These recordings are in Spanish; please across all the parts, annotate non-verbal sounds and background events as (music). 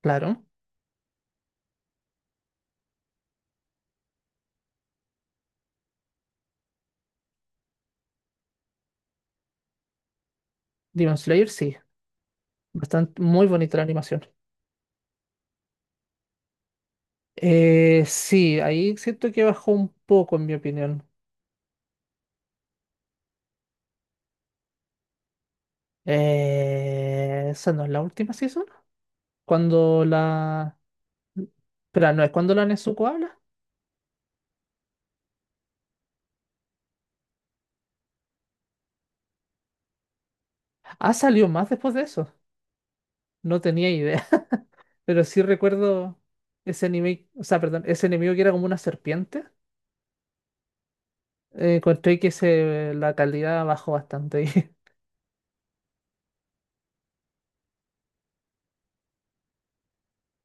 Claro, Demon Slayer sí, bastante muy bonita la animación. Sí, ahí siento que bajó un poco en mi opinión. Esa no es la última season. Cuando la... Pero no es cuando la Nezuko habla. Ah, salió más después de eso. No tenía idea. (laughs) Pero sí recuerdo ese anime, o sea, perdón, ese enemigo que era como una serpiente. Encontré que la calidad bajó bastante.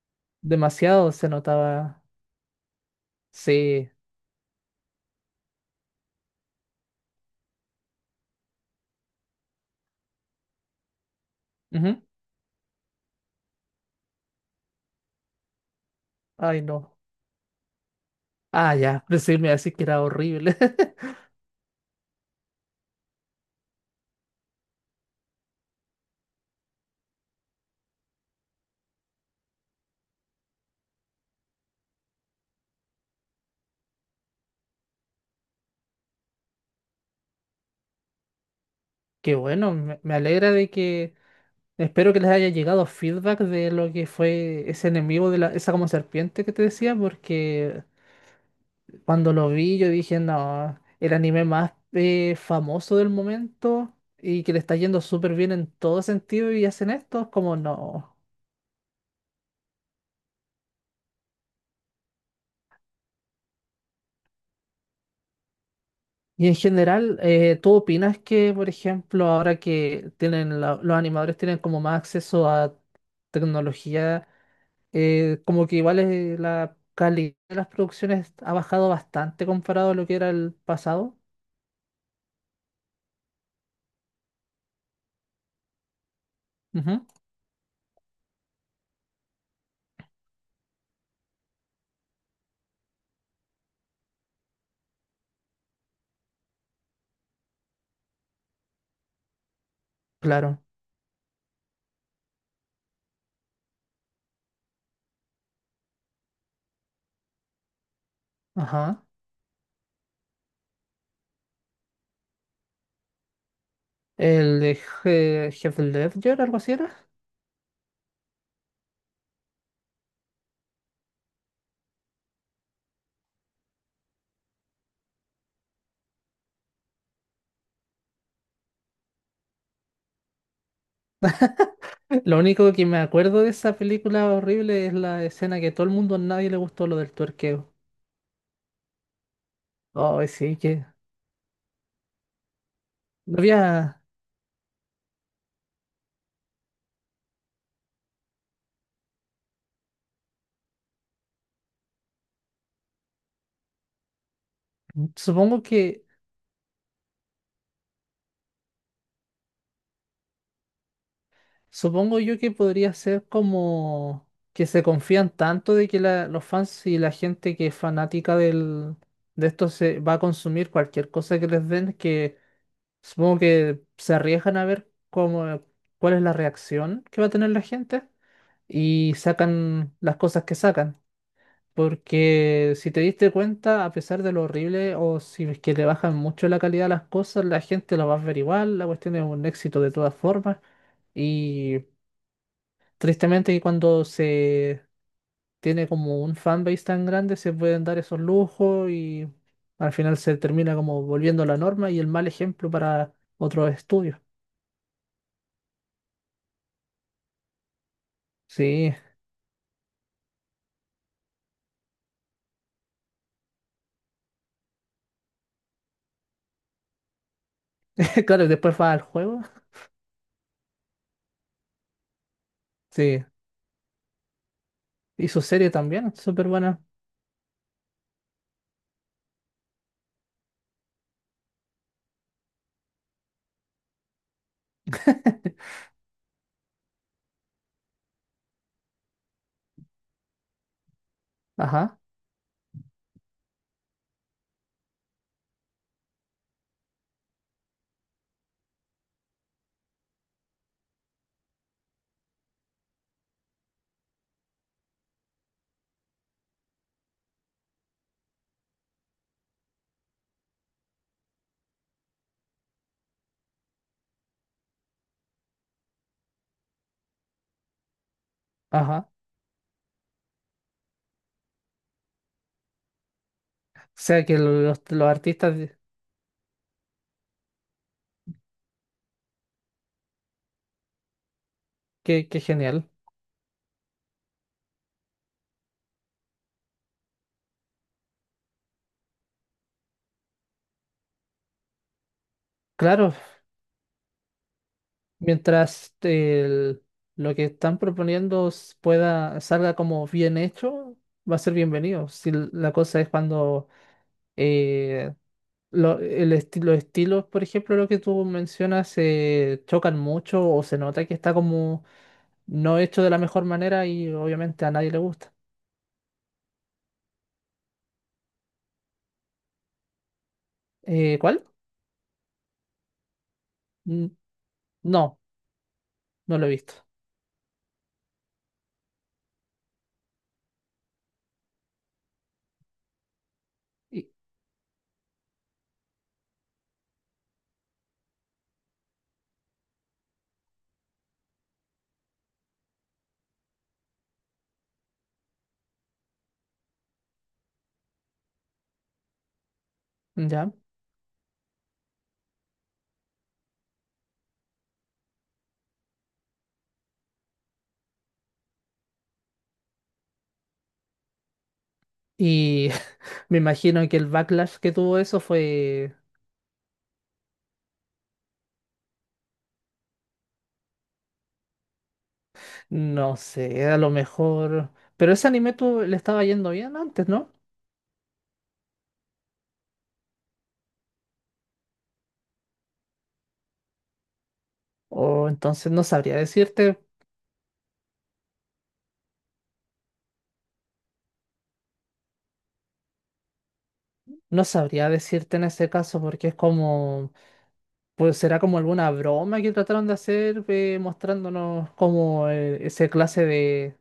(laughs) Demasiado se notaba. Sí. Ujú. Ay, no. Ah, ya, decirme así que era horrible. (laughs) Qué bueno, me alegra de que. Espero que les haya llegado feedback de lo que fue ese enemigo de esa como serpiente que te decía, porque cuando lo vi yo dije, no, el anime más famoso del momento y que le está yendo súper bien en todo sentido y hacen esto, como no. Y en general, ¿tú opinas que, por ejemplo, ahora que tienen los animadores tienen como más acceso a tecnología? Como que igual es la calidad de las producciones ha bajado bastante comparado a lo que era el pasado. Ujú. Claro. Ajá. El de Heath Ledger, algo así era. (laughs) Lo único que me acuerdo de esa película horrible es la escena que todo el mundo, a nadie le gustó lo del tuerqueo. Oh, sí, que no había. Supongo que. Supongo yo que podría ser como que se confían tanto de que los fans y la gente que es fanática de esto se va a consumir cualquier cosa que les den, que supongo que se arriesgan a ver cómo, cuál es la reacción que va a tener la gente y sacan las cosas que sacan. Porque si te diste cuenta, a pesar de lo horrible o si es que le bajan mucho la calidad a las cosas, la gente lo va a ver igual, la cuestión es un éxito de todas formas. Y tristemente que cuando se tiene como un fanbase tan grande se pueden dar esos lujos y al final se termina como volviendo la norma y el mal ejemplo para otros estudios. Sí, (laughs) claro, y después va al juego. Sí, y su serie también, súper buena. (laughs) Ajá, ajá. O sea que los artistas, qué, qué genial. Claro, mientras lo que están proponiendo pueda, salga como bien hecho, va a ser bienvenido. Si la cosa es cuando eh, los estilos, por ejemplo, lo que tú mencionas, se chocan mucho o se nota que está como no hecho de la mejor manera y obviamente a nadie le gusta. ¿Cuál? Mm, no, no lo he visto. Y, ya. Y (laughs) me imagino que el backlash que tuvo eso fue, no sé, a lo mejor... Pero ese anime tú le estaba yendo bien antes, ¿no? O entonces no sabría decirte, no sabría decirte en ese caso porque es como... Pues será como alguna broma que trataron de hacer mostrándonos como esa clase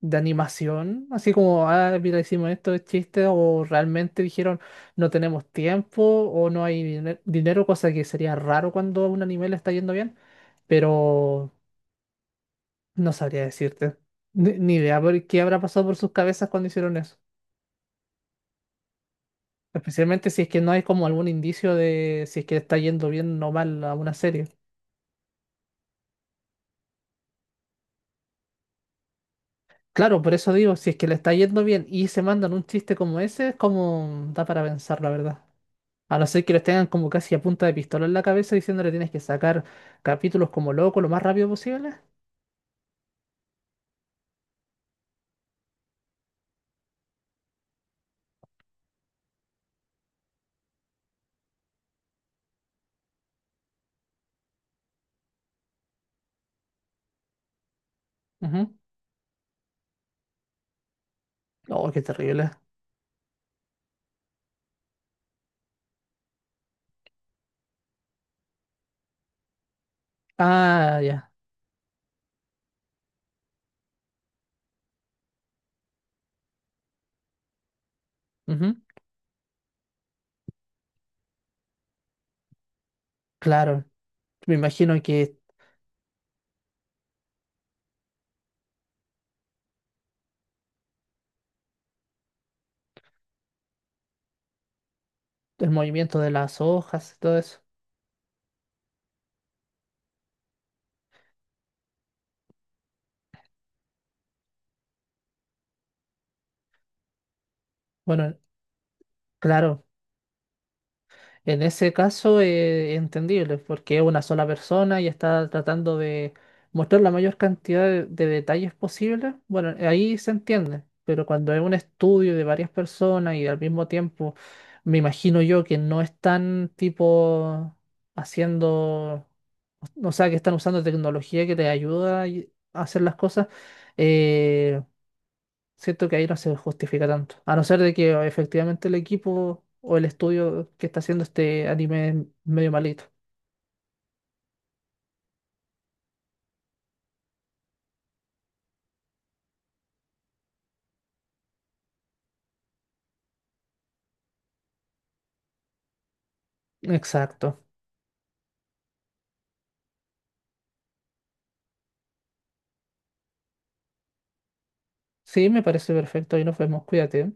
de animación, así como, ah, mira, hicimos esto, es chiste, o realmente dijeron no tenemos tiempo o no hay dinero, cosa que sería raro cuando a un anime le está yendo bien, pero no sabría decirte. Ni idea por qué habrá pasado por sus cabezas cuando hicieron eso. Especialmente si es que no hay como algún indicio de si es que está yendo bien o mal a una serie. Claro, por eso digo, si es que le está yendo bien y se mandan un chiste como ese, es como da para pensar, la verdad. A no ser que los tengan como casi a punta de pistola en la cabeza diciéndole tienes que sacar capítulos como loco lo más rápido posible. Ujú. Oh, qué terrible. Ah, ya. Ujú. Claro. Me imagino que el movimiento de las hojas y todo eso. Bueno, claro. En ese caso, entendible, porque es una sola persona y está tratando de mostrar la mayor cantidad de detalles posible. Bueno, ahí se entiende, pero cuando es un estudio de varias personas y al mismo tiempo, me imagino yo que no están tipo haciendo, o sea, que están usando tecnología que les ayuda a hacer las cosas, eh, siento que ahí no se justifica tanto. A no ser de que o, efectivamente el equipo o el estudio que está haciendo este anime es medio malito. Exacto. Sí, me parece perfecto. Ahí nos vemos. Cuídate.